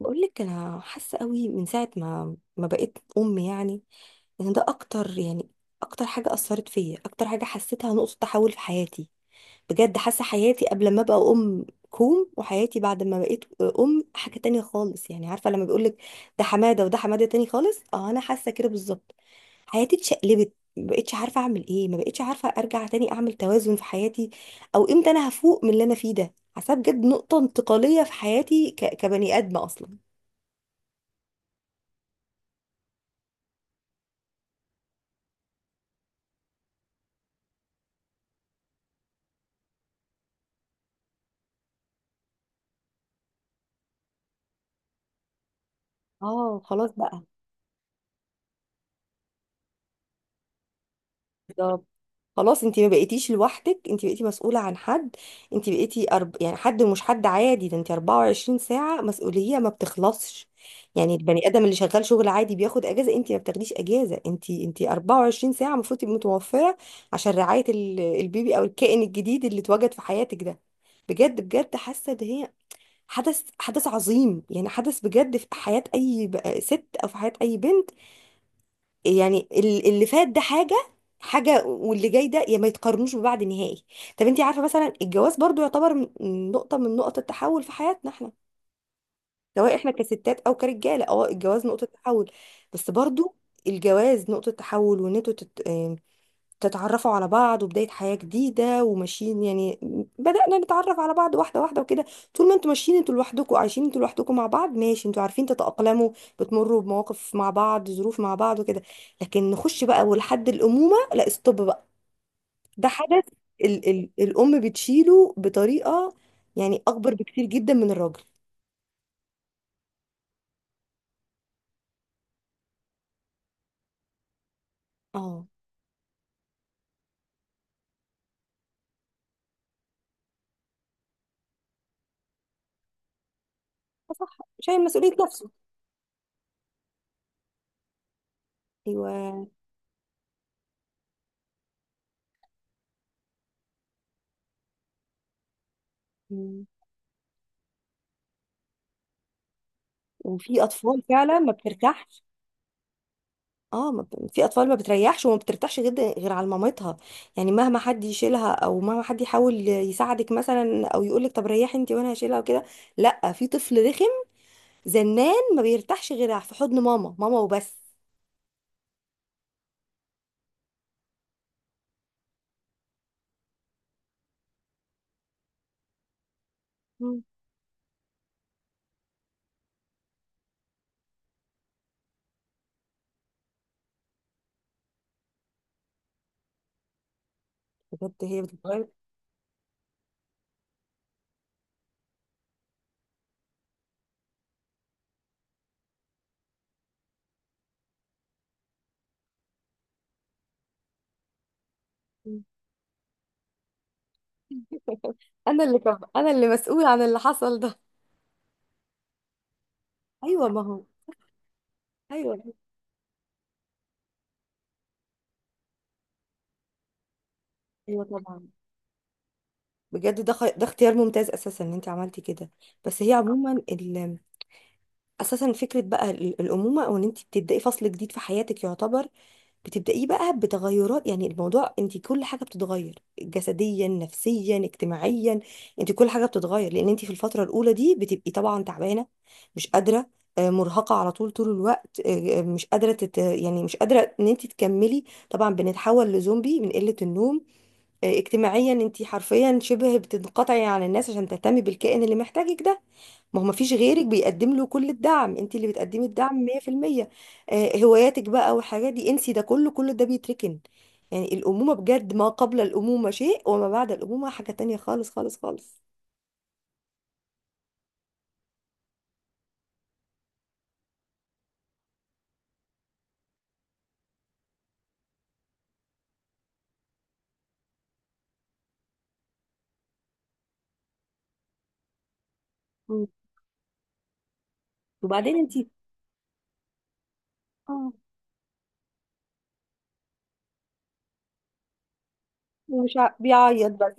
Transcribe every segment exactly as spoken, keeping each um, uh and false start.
بقول لك انا حاسه قوي من ساعه ما ما بقيت ام، يعني ان ده اكتر، يعني اكتر حاجه اثرت فيا، اكتر حاجه حسيتها نقطه تحول في حياتي. بجد حاسه حياتي قبل ما ابقى ام كوم، وحياتي بعد ما بقيت ام حاجه تانية خالص. يعني عارفه لما بيقول لك ده حماده وده حماده تاني خالص، اه انا حاسه كده بالظبط. حياتي اتشقلبت، ما بقتش عارفه اعمل ايه، ما بقتش عارفه ارجع تاني اعمل توازن في حياتي او امتى انا هفوق من اللي انا فيه ده. حاسه بجد نقطه انتقاليه في حياتي ك... كبني ادمه اصلا. اه خلاص بقى. بالظبط. خلاص، انت ما بقيتيش لوحدك، انت بقيتي مسؤولة عن حد. انت بقيتي أرب... يعني حد مش حد عادي ده، انت 24 ساعة مسؤولية ما بتخلصش. يعني البني ادم اللي شغال شغل عادي بياخد اجازة، انت ما بتاخديش اجازة، انت انت 24 ساعة المفروض تبقي متوفرة عشان رعاية ال- البيبي او الكائن الجديد اللي اتوجد في حياتك ده. بجد بجد حاسة ان هي حدث حدث عظيم، يعني حدث بجد في حياة اي ب- ست او في حياة اي بنت. يعني ال- اللي فات ده حاجة حاجة واللي جاي ده يا ما يتقارنوش ببعض نهائي. طب انت عارفة مثلا الجواز برضو يعتبر م- نقطة من نقط التحول في حياتنا احنا، سواء احنا كستات او كرجالة. اه الجواز نقطة تحول. بس برضو الجواز نقطة تحول، وان انتوا تتعرفوا على بعض، وبداية حياة جديدة وماشيين. يعني بدأنا نتعرف على بعض واحدة واحدة وكده. طول ما انتوا ماشيين انتوا لوحدكم، عايشين انتوا لوحدكم مع بعض، ماشي، انتوا عارفين تتأقلموا، بتمروا بمواقف مع بعض، ظروف مع بعض وكده. لكن نخش بقى ولحد الأمومة، لا استوب بقى. ده حدث. ال ال الأم بتشيله بطريقة يعني أكبر بكتير جدا من الراجل. اه صح، شايل مسؤولية نفسه. ايوه. مم. وفي أطفال فعلا ما بترتاحش. اه ما ب- في اطفال ما بتريحش وما بترتاحش جدا غير على مامتها. يعني مهما حد يشيلها او مهما حد يحاول يساعدك مثلا او يقولك طب ريحي انت وانا هشيلها وكده، لا، في طفل رخم زنان ما بيرتاحش غير في حضن ماما، ماما وبس. مم. بجد هي بتتغير. مم. انا اللي كم... انا اللي مسؤول عن اللي حصل ده. ايوه ما هو، ايوه، ايوه طبعا. بجد ده خ... ده اختيار ممتاز اساسا ان انت عملتي كده. بس هي عموما اساسا فكره بقى ال- الامومه، او ان انت بتبداي فصل جديد في حياتك، يعتبر بتبدايه بقى بتغيرات. يعني الموضوع انت كل حاجه بتتغير، جسديا نفسيا اجتماعيا. انت كل حاجه بتتغير، لان انت في الفتره الاولى دي بتبقي طبعا تعبانه، مش قادره، آه، مرهقه على طول طول الوقت، آه، آه، مش قادره تت... يعني مش قادره ان انت تكملي. طبعا بنتحول لزومبي من قله النوم. آه، اجتماعيا انت حرفيا شبه بتنقطعي عن الناس عشان تهتمي بالكائن اللي محتاجك ده. ما هو مفيش غيرك بيقدم له كل الدعم، انت اللي بتقدمي الدعم مية في المية. آه، هواياتك بقى والحاجات دي انسي ده كله، كل ده بيتركن. يعني الأمومة بجد، ما قبل الأمومة شيء وما بعد الأمومة حاجة تانية خالص خالص خالص. مم. وبعدين انت، اه مش ع- بيعيط بس.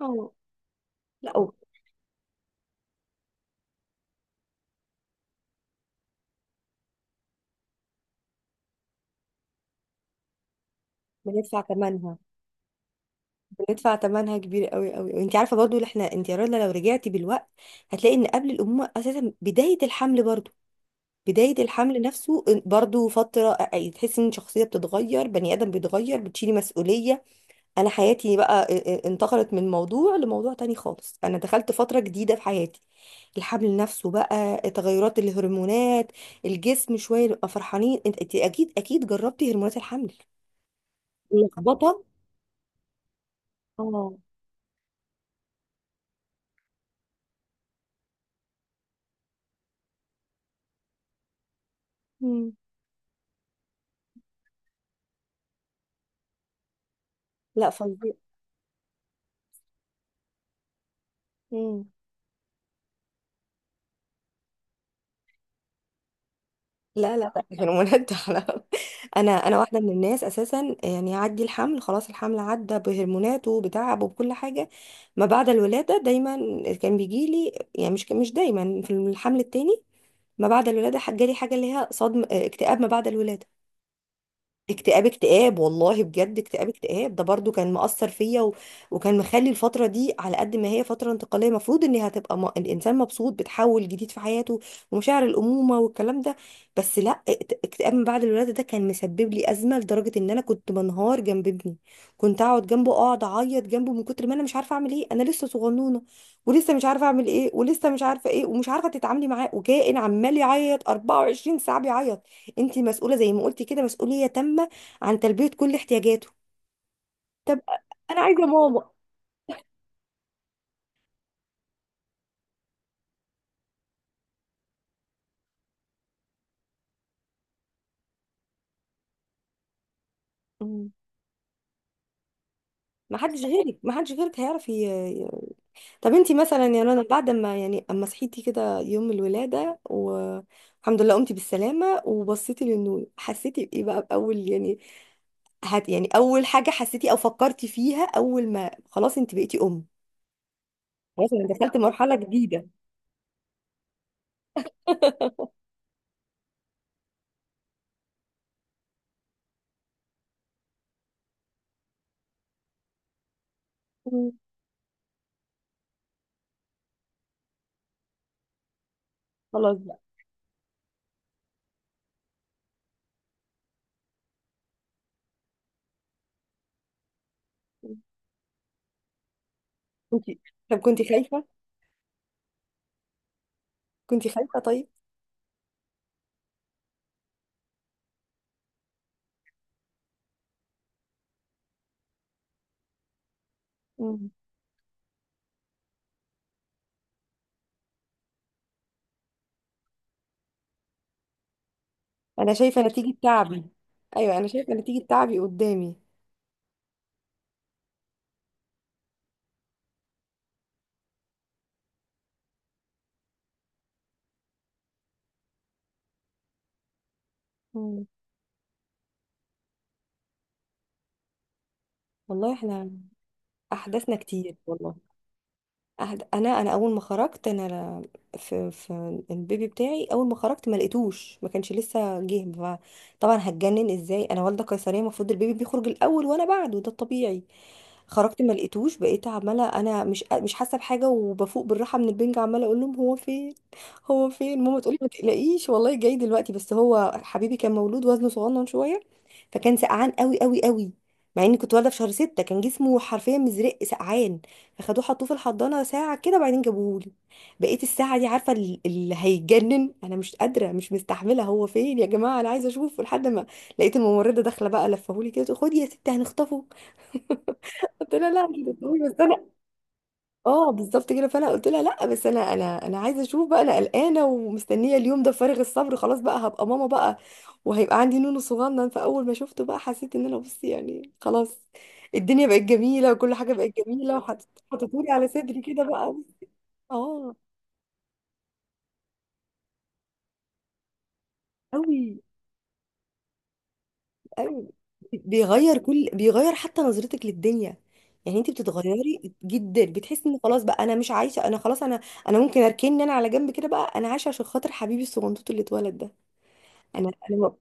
اه لا و- بندفع ثمنها، بندفع ثمنها كبير قوي قوي. وانت عارفه برضو اللي احنا، انت يا رنا لو رجعتي بالوقت هتلاقي ان قبل الامومه اساسا بدايه الحمل برضو، بداية الحمل نفسه برضو فترة أي- تحس ان شخصية بتتغير، بني آدم بيتغير، بتشيلي مسؤولية. أنا حياتي بقى ا- ا- انتقلت من موضوع لموضوع تاني خالص، أنا دخلت فترة جديدة في حياتي. الحمل نفسه بقى تغيرات الهرمونات، الجسم شوية نبقى فرحانين. انت، أنت أكيد أكيد جربتي هرمونات الحمل، اللخبطة. اه. مم. لا فظيع. مم. لا لا لا، الهرمونات ده حرام. انا انا واحده من الناس اساسا، يعني يعدي الحمل خلاص، الحمل عدى بهرموناته بتعبه بكل حاجه. ما بعد الولاده دايما كان بيجي لي، يعني مش مش دايما، في الحمل التاني ما بعد الولاده جالي حاجه اللي هي صدم، آه، اكتئاب ما بعد الولاده. اكتئاب اكتئاب والله بجد اكتئاب اكتئاب ده برضو كان مأثر فيا و... وكان مخلي الفترة دي، على قد ما هي فترة انتقالية المفروض ان هي هتبقى م... الانسان مبسوط بتحول جديد في حياته ومشاعر الأمومة والكلام ده، بس لا، اكت- اكتئاب من بعد الولادة ده كان مسبب لي أزمة لدرجة ان انا كنت منهار جنب ابني. كنت اقعد جنبه، اقعد اعيط جنبه من كتر ما انا مش عارفة اعمل ايه. انا لسه صغنونة ولسه مش عارفة اعمل ايه، ولسه مش عارفة ايه، ومش عارفة تتعاملي معاه، وكائن عمال يعيط 24 ساعة بيعيط. انت مسؤوله زي ما قلتي كده، مسؤوليه تامه عن تلبيه كل احتياجاته. طب انا عايزه ماما. مم. ما حدش غيرك، ما حدش غيرك هيعرف ي... ي- طب انت مثلا يا رنا بعد ما، يعني اما صحيتي كده يوم الولاده والحمد لله قمتي بالسلامه وبصيتي للنور، حسيتي بايه بقى باول يعني، هت يعني اول حاجه حسيتي او فكرتي فيها اول ما خلاص انت بقيتي ام؟ خلاص انا دخلت مرحله جديده. مم. خلاص بقى. كنت، طب كنت خايفه، كنت خايفه؟ طيب انا شايفه نتيجه تعبي، ايوه انا شايفه نتيجه تعبي قدامي. مم. والله احنا احداثنا كتير والله. أحد- انا انا اول ما خرجت انا، ل- في في البيبي بتاعي اول ما خرجت ما لقيتوش، ما كانش لسه جه. ف- طبعا هتجنن ازاي، انا والده قيصريه المفروض البيبي بيخرج الاول وانا بعده، ده الطبيعي. خرجت ما لقيتوش، بقيت عماله انا مش مش حاسه بحاجه وبفوق بالراحه من البنج، عماله اقول لهم هو فين، هو فين. ماما تقولي ما تقلقيش والله جاي دلوقتي. بس هو حبيبي كان مولود وزنه صغنن شويه، فكان سقعان قوي قوي قوي. مع اني كنت والده في شهر ستة كان جسمه حرفيا مزرق سقعان. اخدوه حطوه في الحضانه ساعه كده وبعدين جابوهولي. بقيت الساعه دي عارفه ال- اللي هيجنن، انا مش قادره مش مستحمله، هو فين يا جماعه انا عايزه اشوفه، لحد ما لقيت الممرضه داخله بقى لفهولي كده تقول خدي يا ستي هنخطفه. قلت لها لا مش هتخطفيه بس انا. اه بالظبط كده، فانا قلت لها لا بس انا انا انا عايزه اشوف بقى، انا قلقانه ومستنيه اليوم ده فارغ الصبر، خلاص بقى هبقى ماما بقى وهيبقى عندي نونو صغنن. فاول ما شفته بقى حسيت ان انا، بصي يعني خلاص، الدنيا بقت جميله وكل حاجه بقت جميله. وحطيتولي على صدري كده بقى. اه قوي قوي، بيغير كل، بيغير حتى نظرتك للدنيا. يعني انت بتتغيري جدا، بتحسي ان خلاص بقى انا مش عايشه انا، خلاص انا، انا ممكن اركن انا على جنب كده بقى، انا عايشه عشان خاطر حبيبي الصغنطوط اللي اتولد ده. انا انا مو-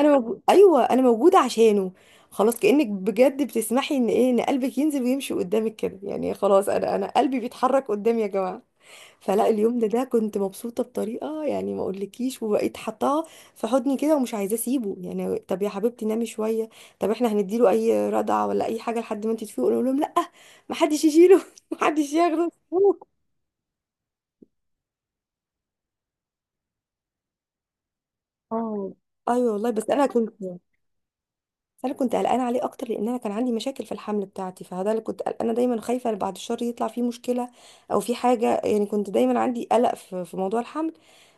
انا موجود، ايوه انا موجوده عشانه. خلاص كانك بجد بتسمحي ان ايه، ان قلبك ينزل ويمشي قدامك كده، يعني خلاص انا، انا قلبي بيتحرك قدامي يا جماعه. فلا اليوم ده، ده كنت مبسوطة بطريقة يعني ما اقولكيش، وبقيت حطاه في حضني كده ومش عايزة اسيبه. يعني طب يا حبيبتي نامي شوية، طب احنا هنديله اي رضعة ولا اي حاجة لحد ما انت تفيقي؟ اقول لهم لا، محدش يشيله، محدش ياخده. اه ايوه والله. بس انا كنت، انا كنت قلقانه عليه اكتر لان انا كان عندي مشاكل في الحمل بتاعتي، فده اللي كنت قلقانه دايما خايفه بعد الشهر يطلع فيه مشكله او في حاجه. يعني كنت دايما عندي قلق في في موضوع الحمل،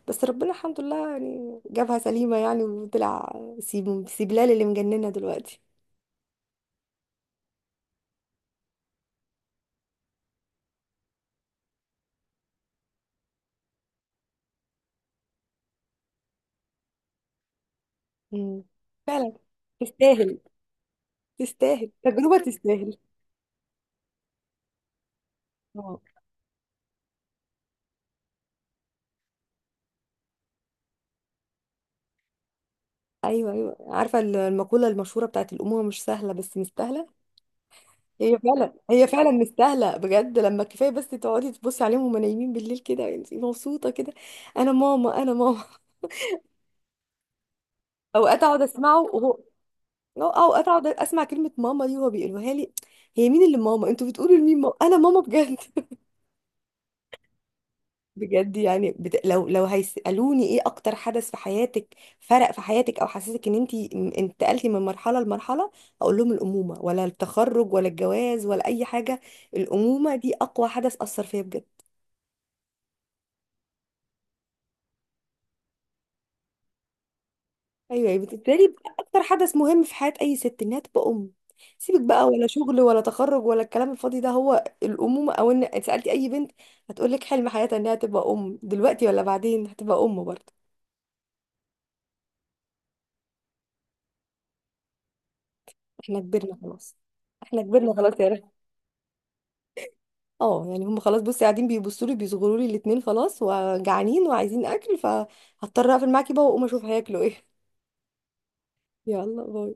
بس ربنا الحمد لله يعني جابها سليمه يعني وطلع. سيب سيبلال اللي مجننه دلوقتي. مم. فعلا تستاهل، تستاهل تجربه، تستاهل. اه ايوه ايوه، عارفه المقوله المشهوره بتاعت الامومه، مش سهله بس مستاهله. هي فعلا، هي فعلا مستاهله بجد. لما كفايه بس تقعدي تبصي عليهم وهم نايمين بالليل كده، انت مبسوطه كده. انا ماما، انا ماما. اوقات اقعد اسمعه وهو، أو- اوقات اقعد اسمع كلمه ماما دي وهو بيقولوها لي، هي مين اللي ماما؟ انتوا بتقولوا لمين ماما، انا ماما بجد. بجد يعني بت... لو لو هيسالوني ايه اكتر حدث في حياتك فرق في حياتك او حسسك ان انت انتقلتي من مرحله لمرحله، اقول لهم الامومه، ولا التخرج ولا الجواز ولا اي حاجه، الامومه دي اقوى حدث اثر فيا بجد. ايوه ايوه، بالنسبه لي اكتر حدث مهم في حياه اي ست انها تبقى ام. سيبك بقى ولا شغل ولا تخرج ولا الكلام الفاضي ده، هو الامومه. او ان سالتي اي بنت هتقول لك حلم حياتها انها تبقى ام، دلوقتي ولا بعدين هتبقى ام برضه. احنا كبرنا خلاص، احنا كبرنا خلاص يا رحمة. اه يعني هم خلاص، بصي قاعدين بيبصوا لي بيصغروا لي الاثنين، خلاص وجعانين وعايزين اكل، فهضطر اقفل معاكي بقى واقوم اشوف هياكلوا ايه. يلا باي.